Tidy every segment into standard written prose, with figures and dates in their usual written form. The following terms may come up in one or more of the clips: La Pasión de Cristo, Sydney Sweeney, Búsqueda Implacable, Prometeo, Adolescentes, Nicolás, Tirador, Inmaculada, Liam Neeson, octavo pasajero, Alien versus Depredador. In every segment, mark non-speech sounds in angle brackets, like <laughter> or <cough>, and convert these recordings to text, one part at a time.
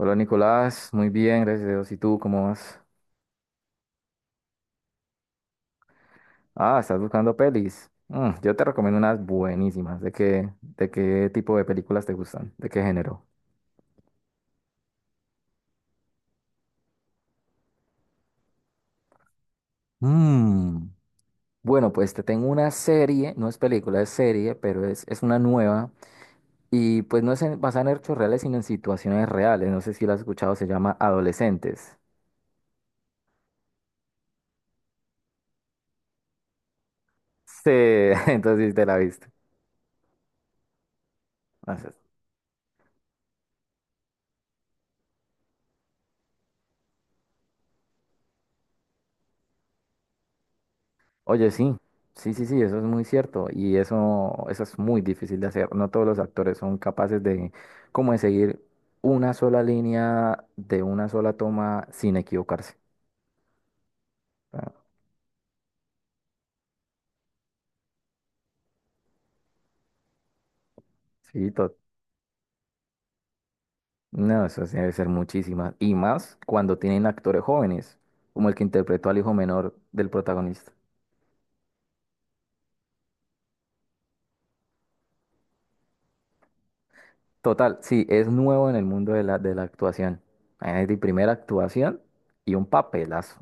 Hola Nicolás, muy bien, gracias a Dios. ¿Y tú cómo vas? Ah, estás buscando pelis. Mm, yo te recomiendo unas buenísimas. De qué tipo de películas te gustan? ¿De qué género? Mm. Bueno, pues te tengo una serie, no es película, es serie, pero es una nueva. Y pues no es basada en hechos reales, sino en situaciones reales. No sé si la has escuchado, se llama Adolescentes. Sí, <laughs> entonces sí te la viste. Oye, sí, sí, sí, sí, eso es muy cierto y eso es muy difícil de hacer. No todos los actores son capaces de, como de seguir una sola línea de una sola toma sin equivocarse. Ah, sí, no, eso sí debe ser muchísimas, y más cuando tienen actores jóvenes, como el que interpretó al hijo menor del protagonista. Total, sí, es nuevo en el mundo de la actuación. Es mi primera actuación y un papelazo.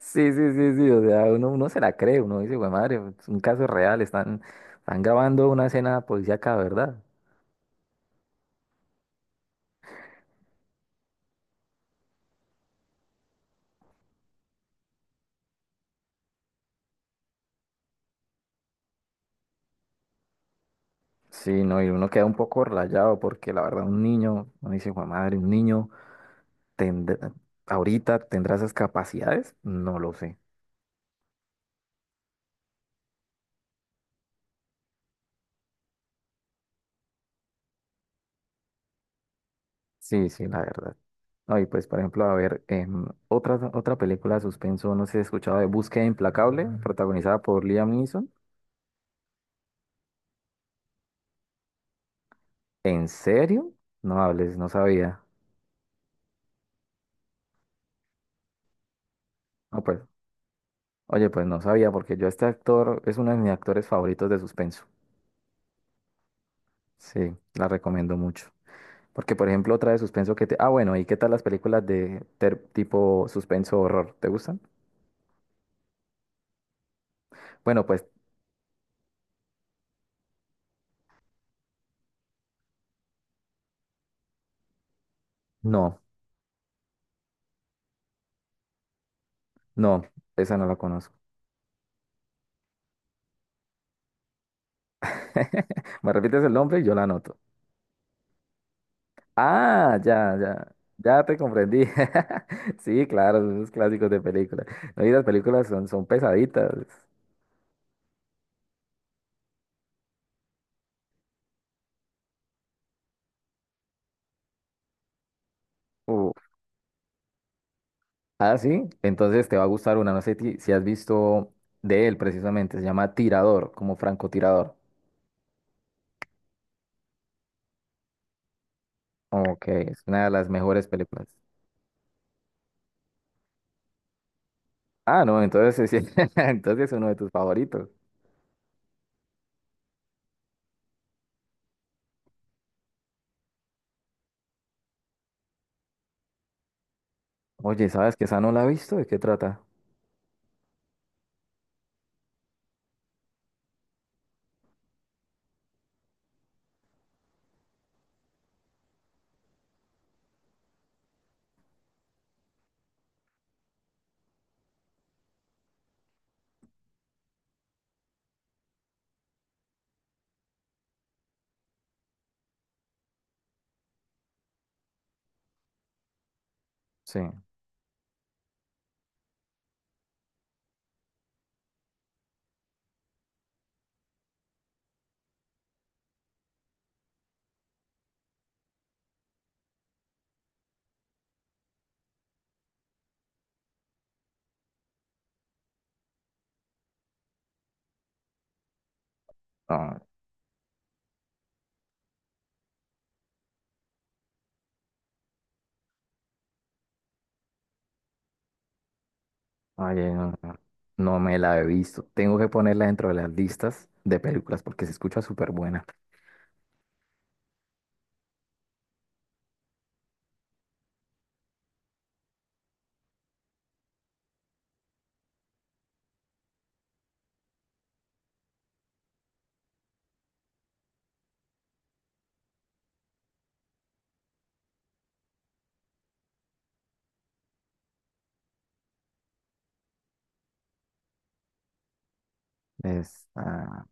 Sí, sí, sí, sí, o sea, uno se la cree, uno dice, güey, madre, es un caso real, están grabando una escena policíaca, ¿verdad? Sí, no, y uno queda un poco rayado porque la verdad un niño, uno dice, güey, madre, un niño tendrá- ahorita tendrá esas capacidades, no lo sé. Sí, sí, la verdad. No, y pues, por ejemplo, a ver, otra película de suspenso, no sé si has escuchado de Búsqueda Implacable, protagonizada por Liam Neeson. ¿En serio? No hables, no sabía. No, pues. Oye, pues no sabía, porque yo este actor es uno de mis actores favoritos de suspenso. Sí, la recomiendo mucho. Porque, por ejemplo, otra de suspenso que te... Ah, bueno, ¿y qué tal las películas de tipo suspenso horror? ¿Te gustan? Bueno, pues no, no, esa no la conozco. <laughs> Me repites el nombre y yo la anoto. Ah, ya, ya, ya te comprendí. <laughs> Sí, claro, esos clásicos de películas. No, y las películas son pesaditas. Uh, Ah, sí, entonces te va a gustar una, no sé si has visto de él precisamente, se llama Tirador, como francotirador. Ok, es una de las mejores películas. Ah, no, entonces sí, <laughs> entonces es uno de tus favoritos. Oye, ¿sabes que esa no la he visto? ¿De qué trata? Sí. Ah, oye, no, no, no me la he visto. Tengo que ponerla dentro de las listas de películas porque se escucha súper buena. Es, ah,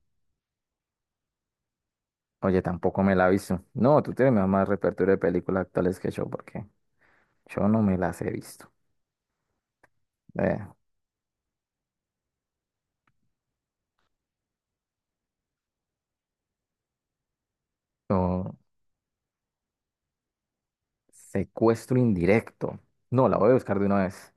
oye, tampoco me la he visto. No, tú tienes más repertorio de películas actuales que yo porque yo no me las he visto. Eh, No, secuestro indirecto. No, la voy a buscar de una vez.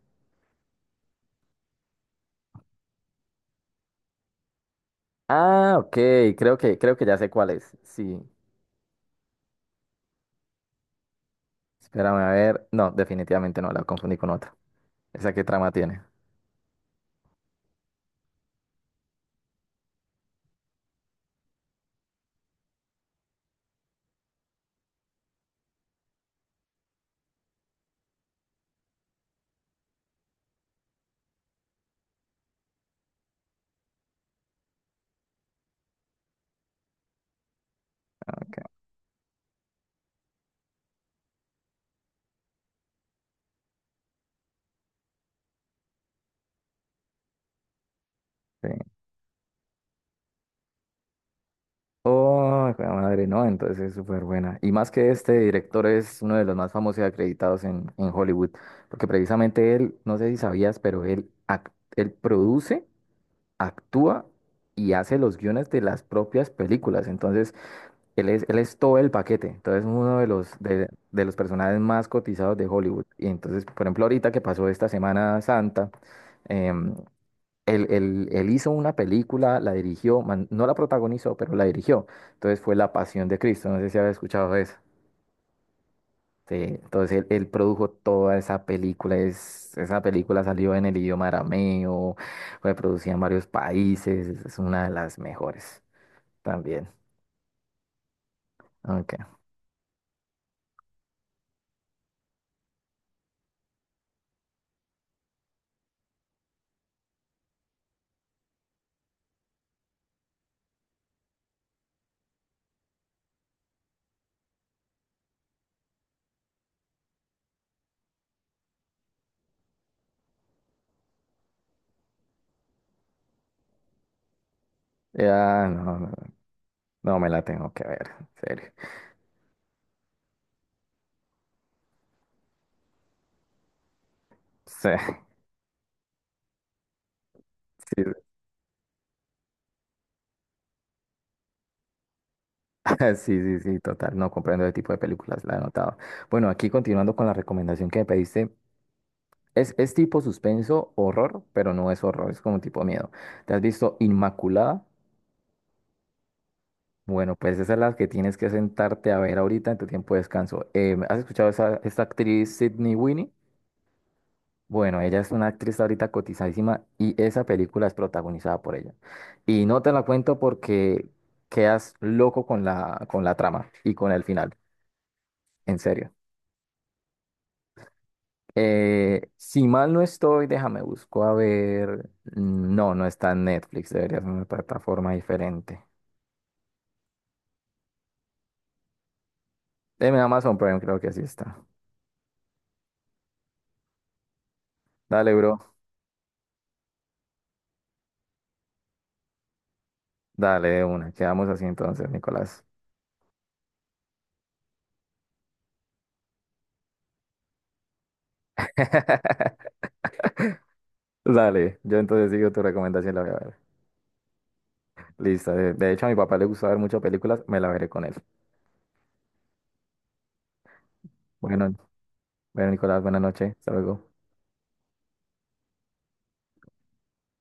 Ah, ok, creo que ya sé cuál es. Sí, espérame a ver. No, definitivamente no, la confundí con otra. ¿Esa qué trama tiene? Ok, sí. Oh, jue de madre, no, entonces es súper buena. Y más que este director es uno de los más famosos y acreditados en Hollywood, porque precisamente él, no sé si sabías, pero él produce, actúa y hace los guiones de las propias películas. Entonces, él es, él es todo el paquete, entonces uno de de los personajes más cotizados de Hollywood. Y entonces, por ejemplo, ahorita que pasó esta Semana Santa, em, él, él hizo una película, la dirigió, no la protagonizó, pero la dirigió. Entonces fue La Pasión de Cristo, no sé si había escuchado eso. Sí, entonces él produjo toda esa película, es, esa película salió en el idioma arameo, fue producida en varios países, es una de las mejores también. Okay. Ya, no, no. No, me la tengo que ver, en serio. Sí, sí, <laughs> sí, sí, sí, total. No comprendo ese tipo de películas, la he notado. Bueno, aquí continuando con la recomendación que me pediste, es tipo suspenso, horror, pero no es horror, es como tipo miedo. ¿Te has visto Inmaculada? Bueno, pues esa es la que tienes que sentarte a ver ahorita en tu tiempo de descanso. ¿Has escuchado esa, esta actriz Sydney Sweeney? Bueno, ella es una actriz ahorita cotizadísima y esa película es protagonizada por ella. Y no te la cuento porque quedas loco con la trama y con el final, en serio. Si mal no estoy, déjame busco a ver. No, no está en Netflix, debería ser una plataforma diferente. En Amazon Prime creo que sí está. Dale, bro. Dale, de una. Quedamos así entonces, Nicolás. <laughs> Dale, yo entonces sigo tu recomendación y la voy a ver. Listo. De hecho, a mi papá le gusta ver muchas películas, me la veré con él. Bueno, bueno, Nicolás, buenas noches. Hasta luego.